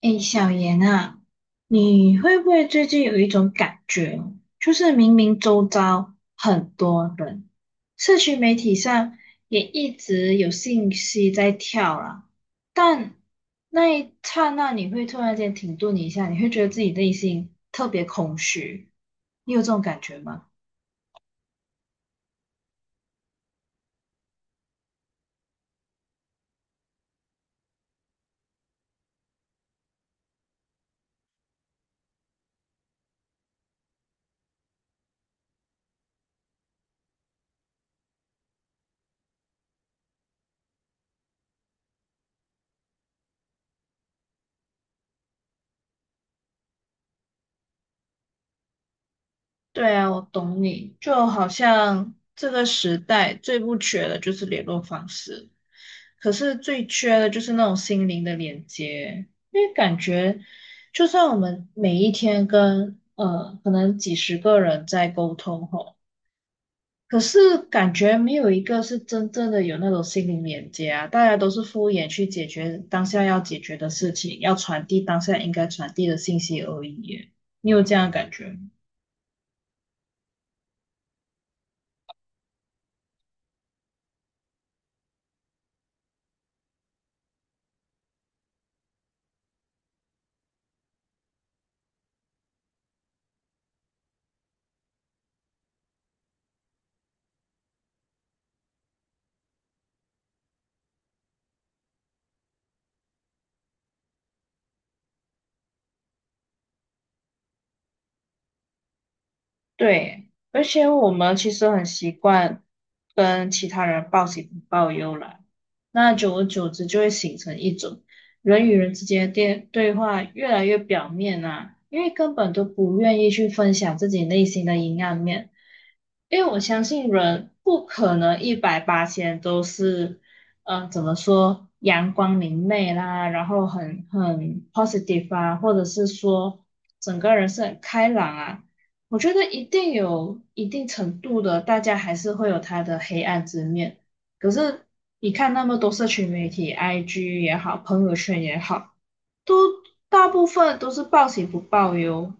哎，小严啊，你会不会最近有一种感觉哦就是明明周遭很多人，社群媒体上也一直有信息在跳啦，但那一刹那你会突然间停顿一下，你会觉得自己内心特别空虚，你有这种感觉吗？对啊，我懂你，就好像这个时代最不缺的就是联络方式。可是最缺的就是那种心灵的连接，因为感觉就算我们每一天跟可能几十个人在沟通吼，可是感觉没有一个是真正的有那种心灵连接啊，大家都是敷衍去解决当下要解决的事情，要传递当下应该传递的信息而已耶。你有这样的感觉吗？对，而且我们其实很习惯跟其他人报喜不报忧啦，那久而久之就会形成一种人与人之间的电对话越来越表面啊，因为根本都不愿意去分享自己内心的阴暗面，因为我相信人不可能一百八千都是，嗯，怎么说阳光明媚啦，然后很 positive 啊，或者是说整个人是很开朗啊。我觉得一定有一定程度的，大家还是会有他的黑暗之面。可是你看那么多社群媒体，IG 也好，朋友圈也好，都大部分都是报喜不报忧。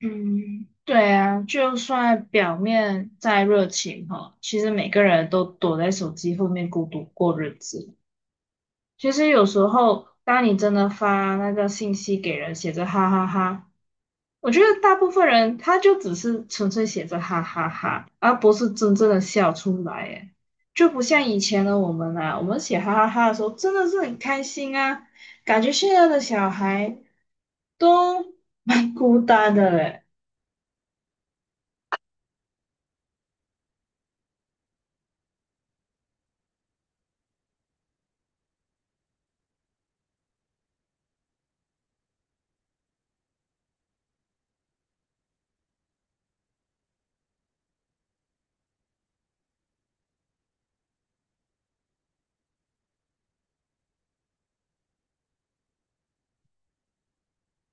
嗯，对啊，就算表面再热情哈，其实每个人都躲在手机后面孤独过日子。其实有时候，当你真的发那个信息给人，写着哈哈哈。我觉得大部分人他就只是纯粹写着哈哈哈，而不是真正的笑出来，哎，就不像以前的我们啊，我们写哈哈哈的时候真的是很开心啊，感觉现在的小孩都蛮孤单的嘞。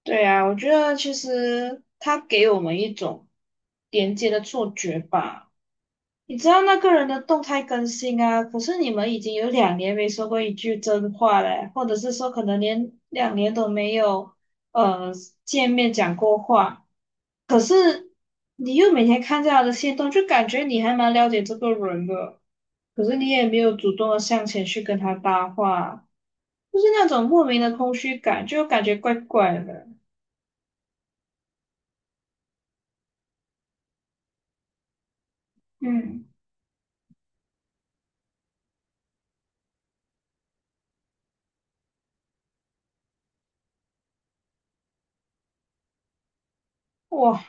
对啊，我觉得其实他给我们一种连接的错觉吧。你知道那个人的动态更新啊，可是你们已经有两年没说过一句真话了，或者是说可能连两年都没有呃讲过话，可是你又每天看着他的行动，就感觉你还蛮了解这个人的，可是你也没有主动的向前去跟他搭话，就是那种莫名的空虚感，就感觉怪怪的。嗯，哇。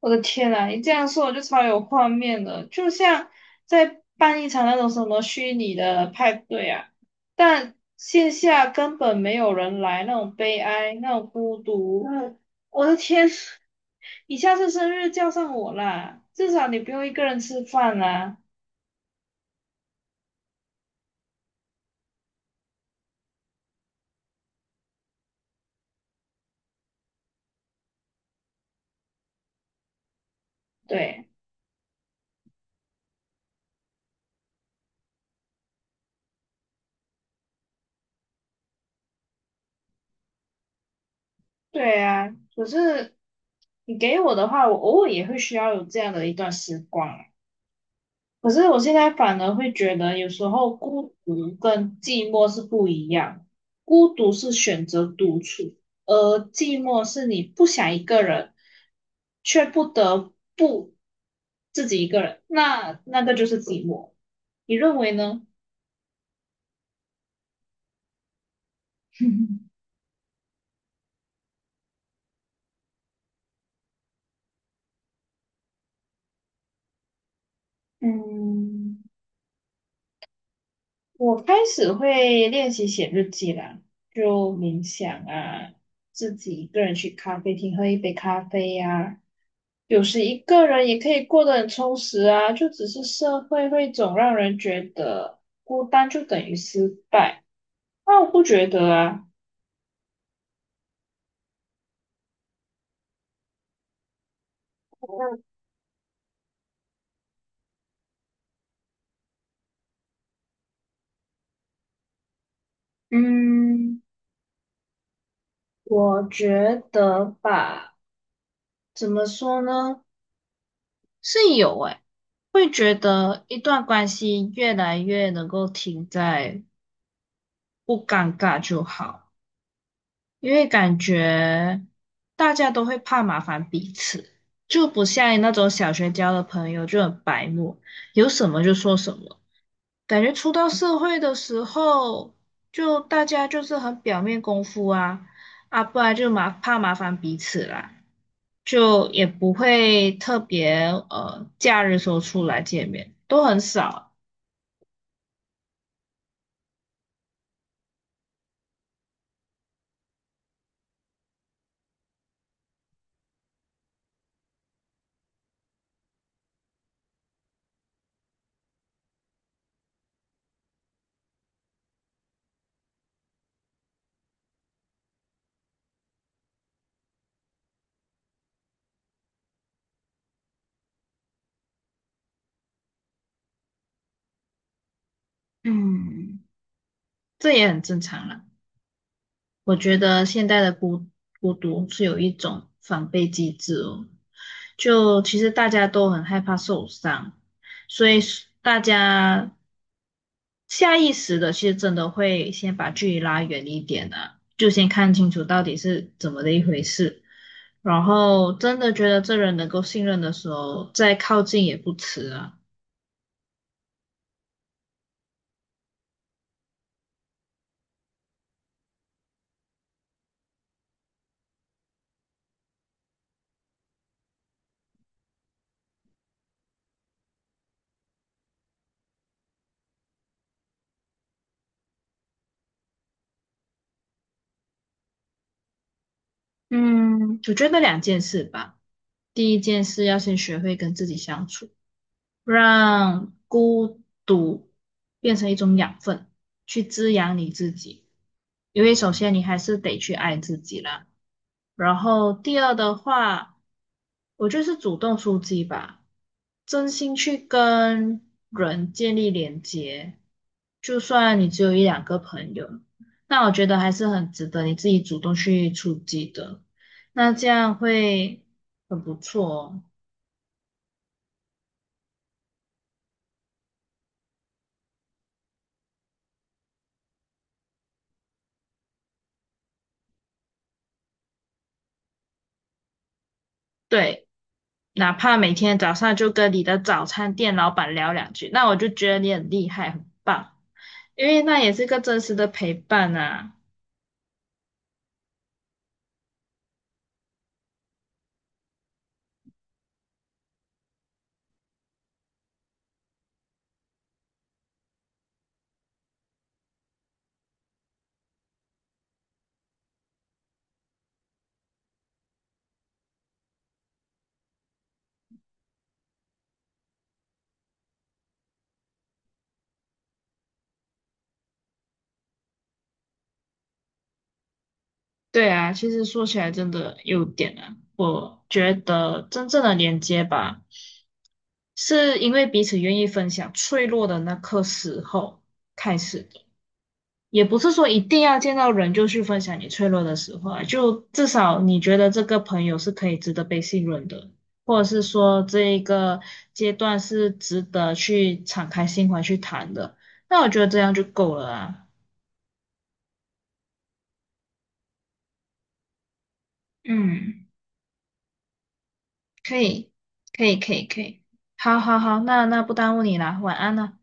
我的天呐，你这样说我就超有画面了，就像在办一场那种什么虚拟的派对啊，但线下根本没有人来，那种悲哀，那种孤独。嗯我的天，你下次生日叫上我啦，至少你不用一个人吃饭啦。对，对啊，可是你给我的话，我偶尔也会需要有这样的一段时光啊。可是我现在反而会觉得，有时候孤独跟寂寞是不一样。孤独是选择独处，而寂寞是你不想一个人，却不得不自己一个人，那个就是寂寞。你认为呢？嗯，我开始会练习写日记啦，就冥想啊，自己一个人去咖啡厅喝一杯咖啡呀、有时一个人也可以过得很充实啊，就只是社会会总让人觉得孤单就等于失败，那我不觉得啊。嗯，我觉得吧，怎么说呢？是有诶，会觉得一段关系越来越能够停在不尴尬就好，因为感觉大家都会怕麻烦彼此，就不像那种小学交的朋友就很白目，有什么就说什么。感觉出到社会的时候，就大家就是很表面功夫啊，啊，不然就麻怕麻烦彼此啦，就也不会特别假日时候出来见面，都很少，嗯，这也很正常啦。我觉得现代的孤独是有一种防备机制哦，就其实大家都很害怕受伤，所以是大家下意识的其实真的会先把距离拉远一点啊，就先看清楚到底是怎么的一回事，然后真的觉得这人能够信任的时候，再靠近也不迟啊。嗯，我觉得两件事吧，第一件事要先学会跟自己相处。让孤独变成一种养分，去滋养你自己。因为首先你还是得去爱自己啦。然后第二的话，我就是主动出击吧，真心去跟人建立连接。就算你只有一两个朋友，那我觉得还是很值得你自己主动去出击的。那这样会很不错哦。对，哪怕每天早上就跟你的早餐店老板聊两句，那我就觉得你很厉害，很棒，因为那也是个真实的陪伴啊。对啊，其实说起来真的有点啊，我觉得真正的连接吧，是因为彼此愿意分享脆弱的那刻时候开始的。也不是说一定要见到人就去分享你脆弱的时候啊，就至少你觉得这个朋友是可以值得被信任的，或者是说这一个阶段是值得去敞开心怀去谈的，那我觉得这样就够了啊。嗯，可以，可以，可以，可以。好好好，那不耽误你啦，晚安啦。